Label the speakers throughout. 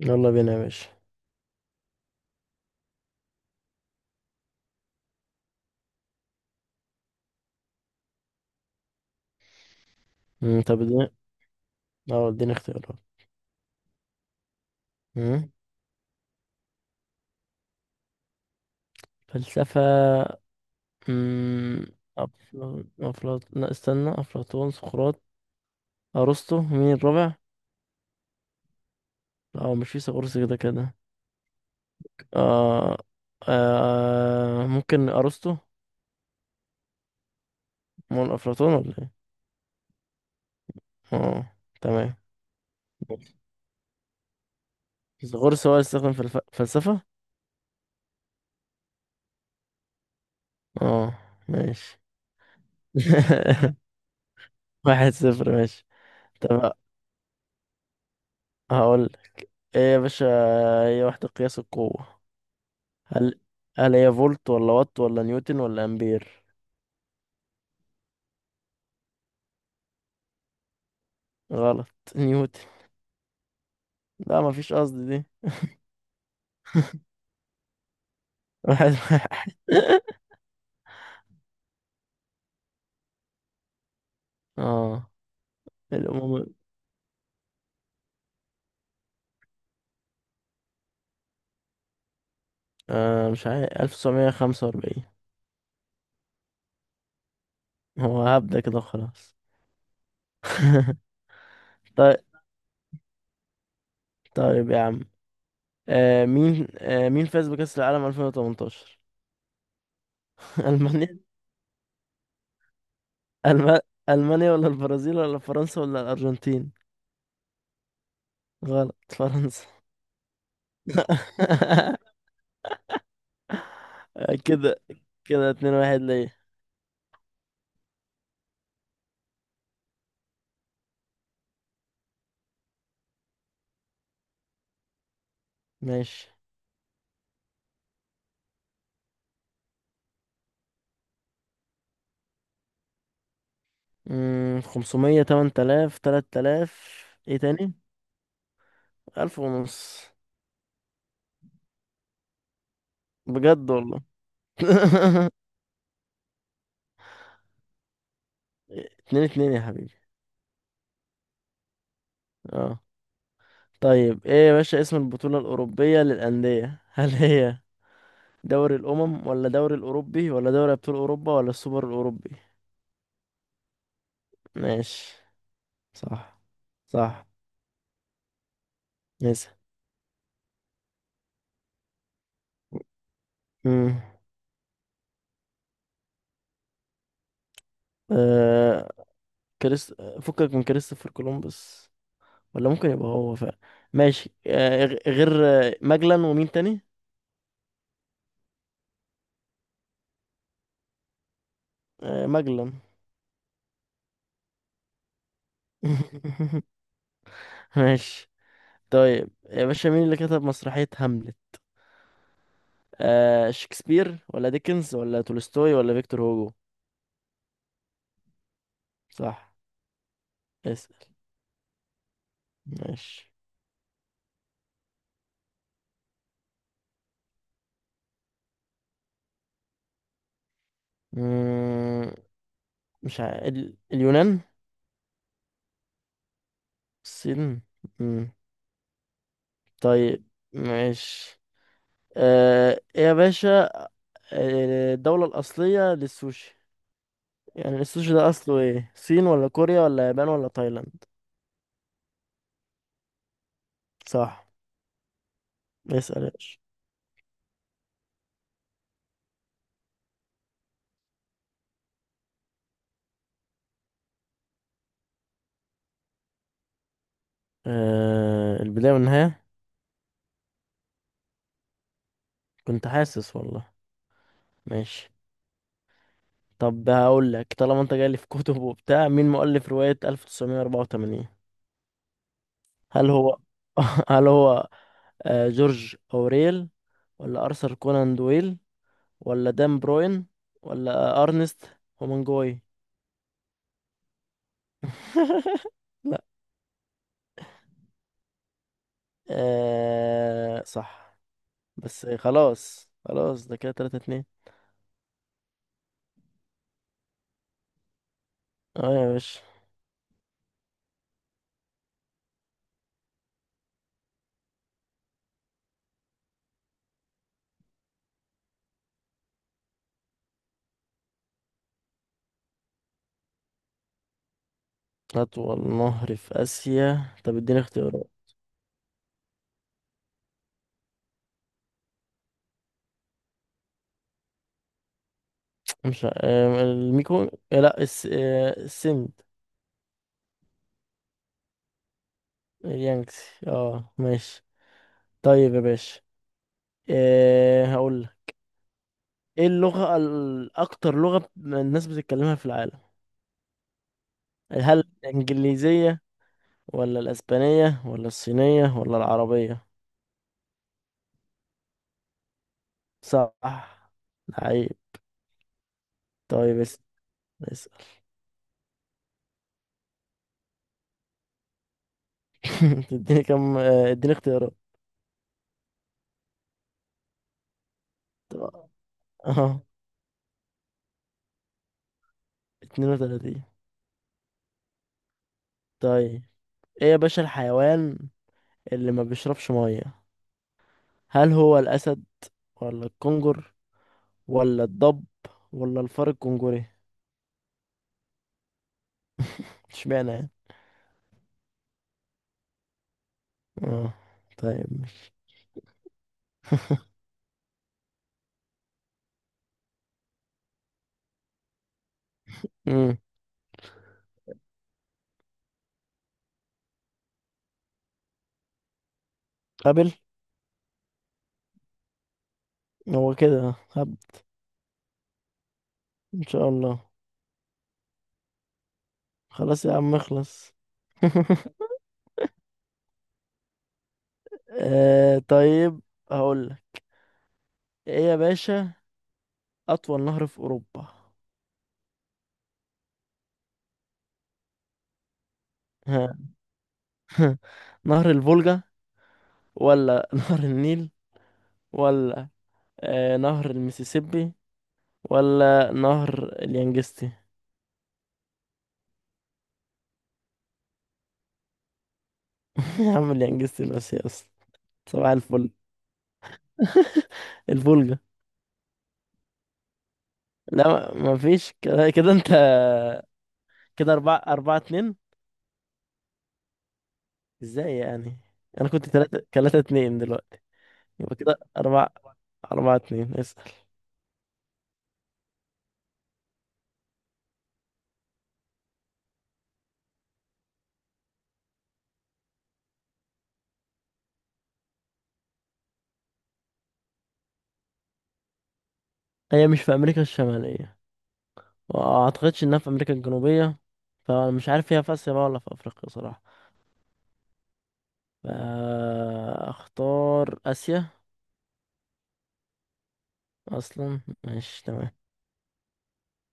Speaker 1: يلا بينا يا باشا. طب اديني اه اديني اختيارات. مم، فلسفة. مم، أفل- أفلاط لا، استنى. أفلاطون، سقراط، أرسطو، مين الرابع؟ لا، هو مش في سقراط كده كده. آه. ممكن أرسطو. مول أفلاطون ولا ايه؟ اه، تمام. سقراط هو اللي استخدم فلسفة؟ اه، ماشي. 1-0، ماشي. طب، هقول ايه يا باشا. هي وحدة قياس القوة. هل هل هي فولت ولا وات ولا نيوتن ولا امبير؟ غلط. نيوتن. لا، مفيش قصد دي. 1-1. اه الأمم. مش عارف، 1945. هو هبدأ كده، خلاص. طيب، طيب يا عم. مين فاز بكأس العالم 2018؟ ألمانيا. ألم... ألمانيا ولا البرازيل ولا فرنسا ولا الأرجنتين؟ غلط، فرنسا. كده كده 2-1 ليا. ماشي. 500، 8000، 3000. ايه تاني. 1000 ونص. بجد والله. 2-2 يا حبيبي. اه طيب، ايه يا باشا، اسم البطولة الأوروبية للأندية. هل هي دوري الأمم ولا دوري الأوروبي ولا دوري أبطال أوروبا ولا السوبر الأوروبي؟ ماشي. صح. صح. نسى. امم آه كريست فكك من كريستوفر كولومبوس، ولا ممكن يبقى هو فعلا. ماشي. غير، ماجلان ومين تاني. مجلا. ماشي. طيب يا باشا، مين اللي كتب مسرحية هاملت؟ شكسبير ولا ديكنز ولا تولستوي ولا فيكتور هوجو؟ صح. اسأل. ماشي. مم، مش اليونان. الصين. مم. طيب. ماشي. إيه يا باشا. الدولة الأصلية للسوشي. يعني السوشي ده أصله إيه، الصين ولا كوريا ولا يابان ولا تايلاند؟ صح. اسأل يا باشا. البداية والنهاية. كنت حاسس والله. ماشي. طب، هقول لك، طالما انت جاي لي في كتب وبتاع، مين مؤلف رواية 1984؟ هل هو. هل هو. جورج اوريل ولا ارثر كونان دويل ولا دان بروين ولا ارنست هومنجوي؟ لا. صح. بس خلاص، خلاص، ده كده 3 2. اه يا باشا، اطول نهر في اسيا. طب اديني اختيارات. مش لا، السند. اليانكسي. اه ماشي. طيب يا باشا، إيه هقول لك. ايه اللغة اكتر لغة الناس بتتكلمها في العالم؟ هل الانجليزية ولا الاسبانية ولا الصينية ولا العربية؟ صح. لعيب. طيب، اسأل. اسأل. تديني كم. اديني اختيارات. طب- اه 32. طيب، ايه يا باشا، الحيوان اللي ما بيشربش مية. هل هو الاسد ولا الكنجر ولا الضب ولا الفار الكنجري؟ اشمعنى يعني. اه طيب، ماشي. امم قابل. هو كده هب. ان شاء الله. خلاص يا عم، اخلص. طيب، هقول لك. ايه يا باشا، اطول نهر في اوروبا. ها. نهر الفولجا ولا نهر النيل ولا نهر المسيسيبي ولا نهر اليانجستي؟ يا عم، اليانجستي الاسيوي اصلا. صباح الفل. الفولجا. لا، ما فيش كده كده انت. كده اربعة اربعة اتنين. ازاي يعني. انا كنت تلاتة تلاتة اتنين دلوقتي. يبقى كده اربعة اربعة اتنين. اسأل. هي مش في امريكا الشمالية، وما اعتقدش انها في امريكا الجنوبية. فانا مش عارف هي في اسيا بقى ولا في افريقيا صراحة. فاختار اسيا. اصلا. ماشي، تمام.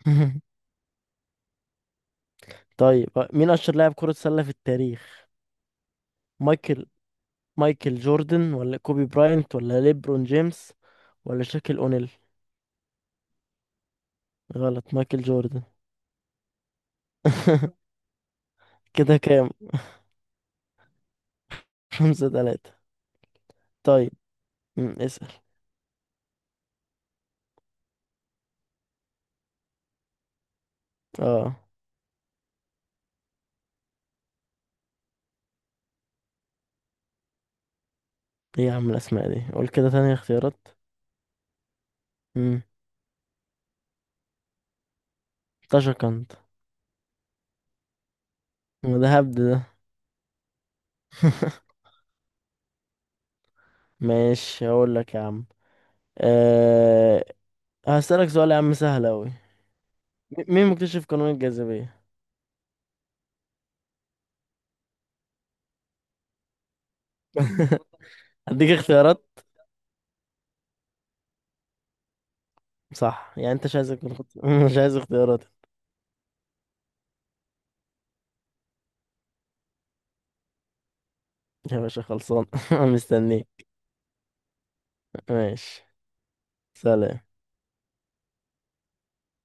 Speaker 1: طيب، مين اشهر لاعب كرة سلة في التاريخ؟ مايكل مايكل جوردن ولا كوبي براينت ولا ليبرون جيمس ولا شاكيل اونيل؟ غلط، مايكل جوردن. كده كام. 5-3. طيب. مم. اسأل. اه ايه يا عم، الأسماء دي قول كده تاني اختيارات. مم. طشقنط. ما ده هبد ده. ماشي، هقول لك يا عم. أه... هسألك سؤال يا عم، سهل أوي. مين مكتشف قانون الجاذبية؟ أديك اختيارات. صح، يعني أنت مش عايز تكون مش عايز اختيارات. يا باشا خلصان. مستنيك. ماشي. سلام.